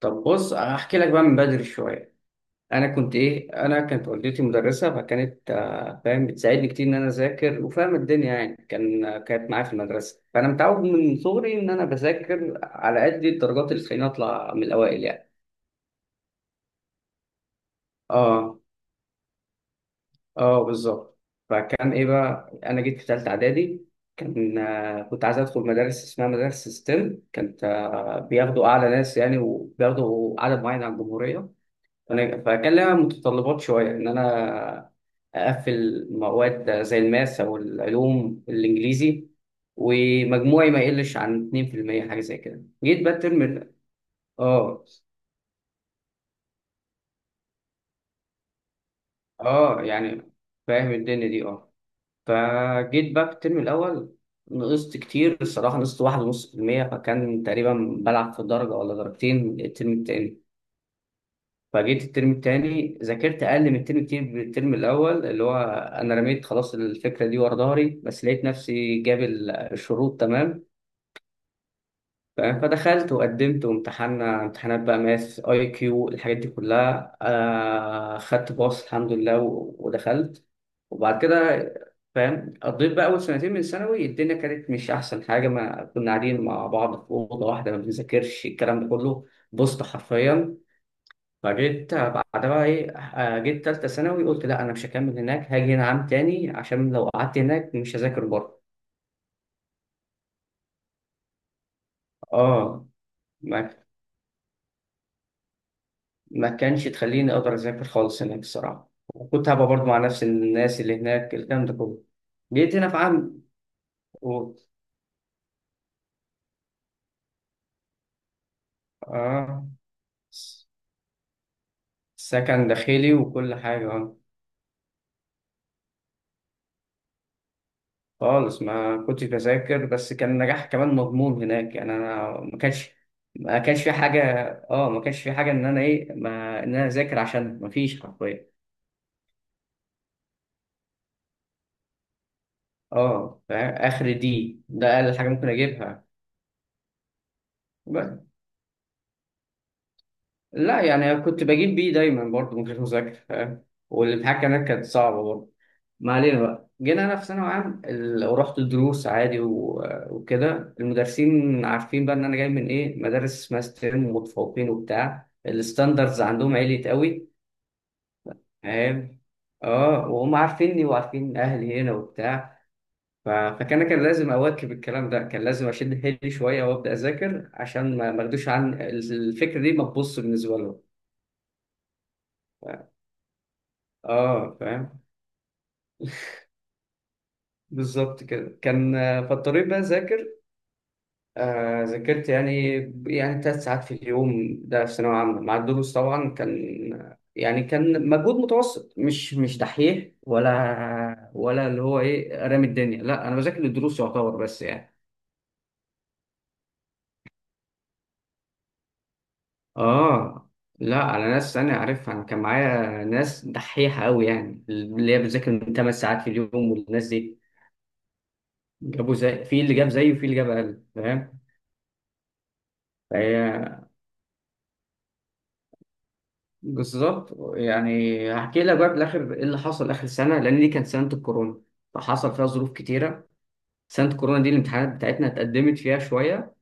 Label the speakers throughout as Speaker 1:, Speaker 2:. Speaker 1: طب بص، هحكي لك بقى من بدري شويه. انا كنت ايه انا كانت والدتي مدرسه، فكانت فاهم، بتساعدني كتير ان انا اذاكر، وفاهم الدنيا يعني. كانت معايا في المدرسه، فانا متعود من صغري ان انا بذاكر على قد الدرجات اللي تخليني اطلع من الاوائل يعني. اه، اه، بالظبط. فكان ايه بقى؟ انا جيت في ثالثه اعدادي، كان آه، كنت عايز ادخل مدارس اسمها مدارس ستيم. كانت آه، بياخدوا اعلى ناس يعني، وبياخدوا عدد معين على الجمهوريه. فكان لها متطلبات شوية، إن أنا أقفل مواد زي الماس أو العلوم الإنجليزي، ومجموعي ما يقلش عن 2%، حاجة زي كده. جيت بقى الترم آه، آه، يعني فاهم الدنيا دي، آه. فجيت بقى في الترم الأول، نقصت كتير الصراحة، نقصت 1.5%، فكان تقريبا بلعب في درجة ولا درجتين الترم التاني. فجيت الترم التاني، ذاكرت اقل من الترم، كتير من الترم الاول، اللي هو انا رميت خلاص الفكره دي ورا ظهري، بس لقيت نفسي جاب الشروط تمام، فاهم؟ فدخلت وقدمت وامتحنا امتحانات بقى، ماس، اي كيو، الحاجات دي كلها. آه، خدت باص الحمد لله، ودخلت. وبعد كده، فاهم، قضيت بقى اول سنتين من ثانوي، الدنيا كانت مش احسن حاجه. ما كنا قاعدين مع بعض في اوضه واحده، ما بنذاكرش، الكلام ده كله بوست حرفيا. فجيت بعدها بقى ايه، جيت تالتة ثانوي، قلت لا، انا مش هكمل هناك، هاجي هنا عام تاني، عشان لو قعدت هناك مش هذاكر بره. اه، ما ما كانش تخليني اقدر اذاكر خالص هناك الصراحة، وكنت هبقى برضه مع نفس الناس اللي هناك، الكلام ده كله. جيت هنا في عام و... اه، سكن داخلي وكل حاجة، اه. خالص ما كنتش بذاكر، بس كان النجاح كمان مضمون هناك يعني، انا ما كانش. ما كانش في حاجه اه ما كانش في حاجه ان انا ايه، ما ان انا اذاكر عشان ما فيش حرفيا. اه فاهم؟ اخر ده اقل حاجه ممكن اجيبها. بس لا يعني، كنت بجيب بي دايما برضه من غير مذاكره فاهم؟ والامتحان كمان كانت صعبه برضه. ما علينا بقى، جينا انا في ثانوي عام ورحت الدروس عادي وكده، المدرسين عارفين بقى ان انا جاي من ايه، مدارس اسمها ستيم، ومتفوقين وبتاع، الستاندرز عندهم عالية قوي، فاهم؟ اه، وهم عارفيني وعارفين اهلي هنا وبتاع. فكان لازم اواكب الكلام ده، كان لازم اشد حيلي شويه وابدا اذاكر، عشان ما اخدوش عن الفكره دي، ما تبص بالنسبه لهم. اه فاهم، بالظبط كده كان. فاضطريت بقى اذاكر، آه، ذاكرت يعني، يعني 3 ساعات في اليوم، ده في ثانوية عامة مع الدروس طبعا، كان يعني كان مجهود متوسط، مش دحيح، ولا اللي هو ايه، رامي الدنيا، لا، انا بذاكر الدروس يعتبر بس يعني. اه، لا، انا ناس انا عارفها، انا كان معايا ناس دحيحة قوي، يعني اللي هي بتذاكر من 8 ساعات في اليوم، والناس دي جابوا، زي في اللي جاب زيه، وفي اللي جاب اقل، فاهم؟ فهي، بالظبط يعني. هحكي لك بقى بالاخر ايه اللي حصل اخر سنه، لان دي كانت سنه الكورونا، فحصل فيها ظروف كتيره. سنه الكورونا دي الامتحانات بتاعتنا اتقدمت فيها شويه،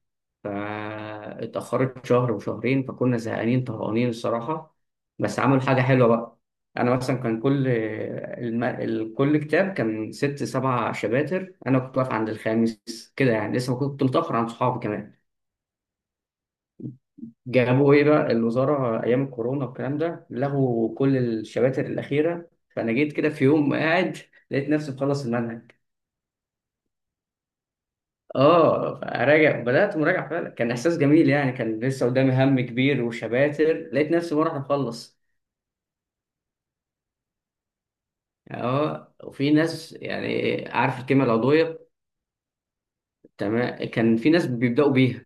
Speaker 1: فاتاخرت شهر وشهرين، فكنا زهقانين، طهقانين الصراحه. بس عملوا حاجه حلوه بقى. انا مثلا، كان كل كل كتاب كان ست سبع شباتر، انا كنت واقف عند الخامس كده يعني، لسه ما كنت متاخر عن صحابي كمان. جابوا ايه بقى الوزاره ايام الكورونا والكلام ده؟ لغوا كل الشباتر الاخيره. فانا جيت كده في يوم قاعد، لقيت نفسي مخلص المنهج. اه، فراجع، بدات مراجعه فعلا، كان احساس جميل يعني، كان لسه قدامي هم كبير وشباتر، لقيت نفسي بروح اخلص. اه، وفي ناس يعني، عارف الكلمه العضويه؟ تمام، كان في ناس بيبداوا بيها،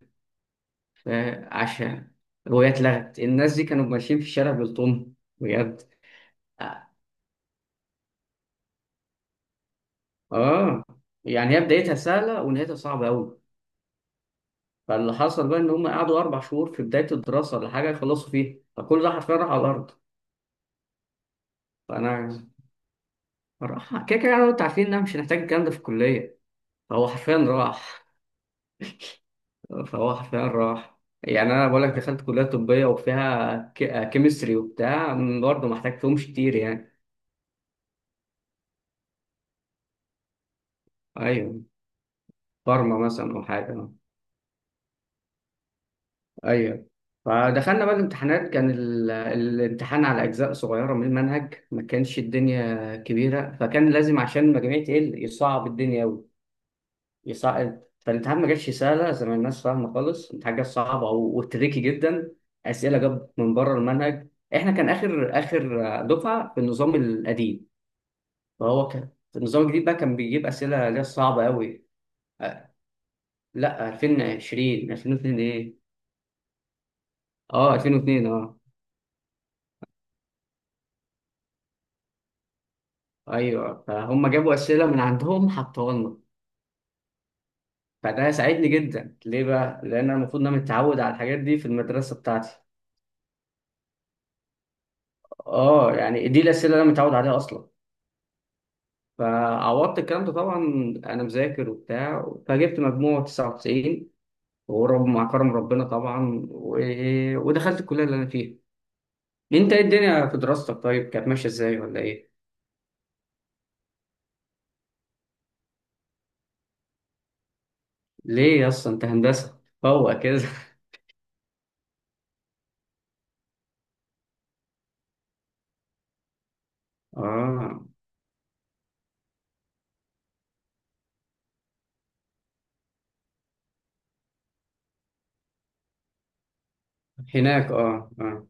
Speaker 1: فعشان وهي اتلغت، الناس دي كانوا ماشيين في الشارع بالطن، بجد. اه، آه، يعني هي بدايتها سهله ونهايتها صعبه قوي. فاللي حصل بقى، ان هم قعدوا 4 شهور في بدايه الدراسه ولا حاجه يخلصوا فيها، فكل ده حرفيا راح على الارض. فانا راح كده كده، انا وانت عارفين ان انا مش هنحتاج الكلام ده في الكليه. فهو حرفيا راح فهو حرفيا راح. يعني انا بقول لك، دخلت كليه طبيه وفيها كيمستري وبتاع، برضه ما احتاجتهمش كتير يعني. ايوه، فارما مثلا او حاجه، ايوه. فدخلنا بقى الامتحانات، كان الامتحان على اجزاء صغيره من المنهج، ما كانش الدنيا كبيره، فكان لازم عشان المجاميع تقل يصعب الدنيا، يصعد. فالامتحان ما جاتش سهله زي ما الناس فاهمه خالص، الامتحان جات صعبه وتريكي جدا. اسئله جاب من بره المنهج، احنا كان اخر اخر دفعه في النظام القديم، فهو كان في النظام الجديد بقى، كان بيجيب اسئله اللي هي صعبه قوي. لا، 2020، 2002 ايه؟ اه، 2002، اه، ايوه. فهم جابوا اسئله من عندهم حطوها لنا. فده ساعدني جدا ليه بقى؟ لان انا المفروض ان انا متعود على الحاجات دي في المدرسه بتاعتي. اه يعني، دي الاسئله اللي انا متعود عليها اصلا. فعوضت الكلام ده طبعا، انا مذاكر وبتاع، فجبت مجموع 99، ورب مع كرم ربنا طبعا. ودخلت الكليه اللي انا فيها. انت ايه الدنيا في دراستك طيب؟ كانت ماشيه ازاي ولا ايه؟ ليه يا اسطى، انت هندسه هو كده؟ اه، هناك، اه، اه،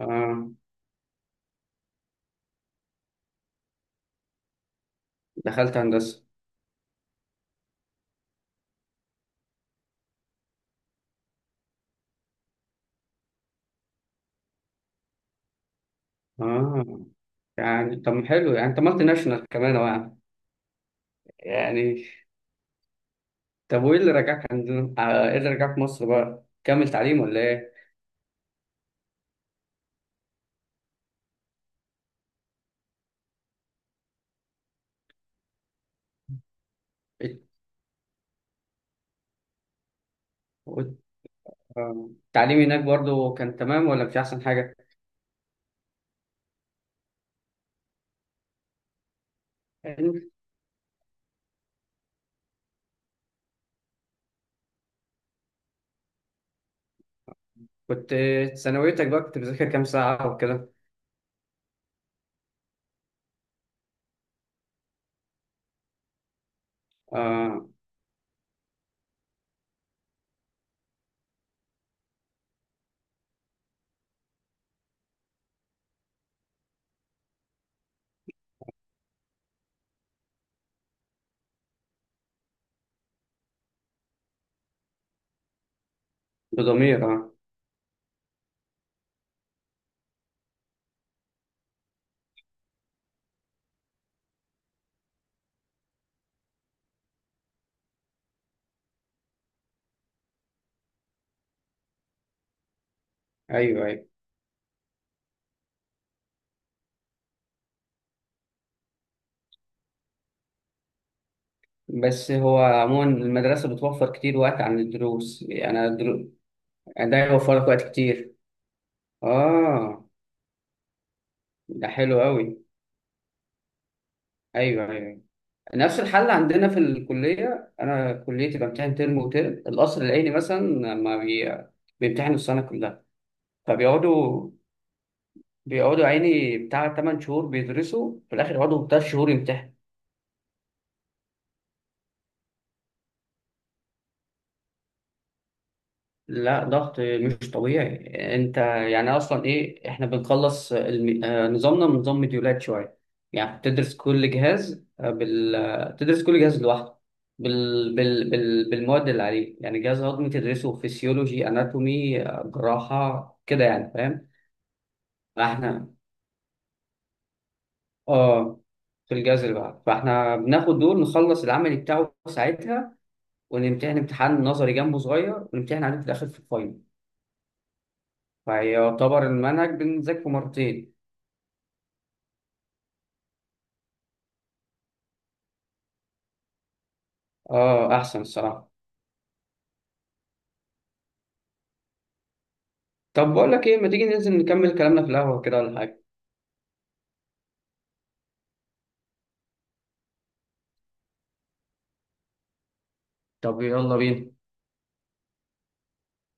Speaker 1: اه، دخلت هندسه. اه يعني، طب حلو يعني، انت مالتي ناشونال كمان أهو يعني. يعني، طب وايه اللي رجعك عندنا، ايه اللي رجعك مصر بقى؟ كمل تعليم ولا ايه؟ التعليم هناك برضو كان تمام ولا مش أحسن حاجة؟ يعني كنت، ثانويتك بقى كنت بتذاكر كام ساعة وكده؟ آه، بضمير، آه، أيوه، أيوه. بس هو عموما، المدرسة بتوفر كتير وقت عن الدروس يعني، ده يوفر لك وقت كتير، آه. ده حلو أوي، أيوه، أيوه. نفس الحل عندنا في الكلية، أنا كليتي بمتحن ترم وترم. القصر العيني مثلا، ما بي... بيمتحنوا السنة كلها، فبيقعدوا، بيقعدوا عيني بتاع 8 شهور بيدرسوا، في الاخر يقعدوا 3 شهور يمتحنوا. لا، ضغط مش طبيعي. انت يعني، اصلا ايه؟ احنا بنخلص الم... آه، نظامنا من نظام مديولات شويه، يعني بتدرس كل جهاز، آه، بال... آه، تدرس كل جهاز لوحده بالمواد اللي عليه، يعني جهاز هضمي تدرسه فيسيولوجي، اناتومي، جراحه كده يعني فاهم؟ فاحنا اه في الجهاز اللي بعده فاحنا بناخد دول، نخلص العمل بتاعه ساعتها، ونمتحن امتحان نظري جنبه صغير، ونمتحن عليه في الآخر في الفاينل، فيعتبر المنهج بنذاكره مرتين. اه أحسن الصراحة. طب بقول لك إيه، ما تيجي ننزل نكمل كلامنا في القهوة كده ولا حاجة؟ طب يلا بينا.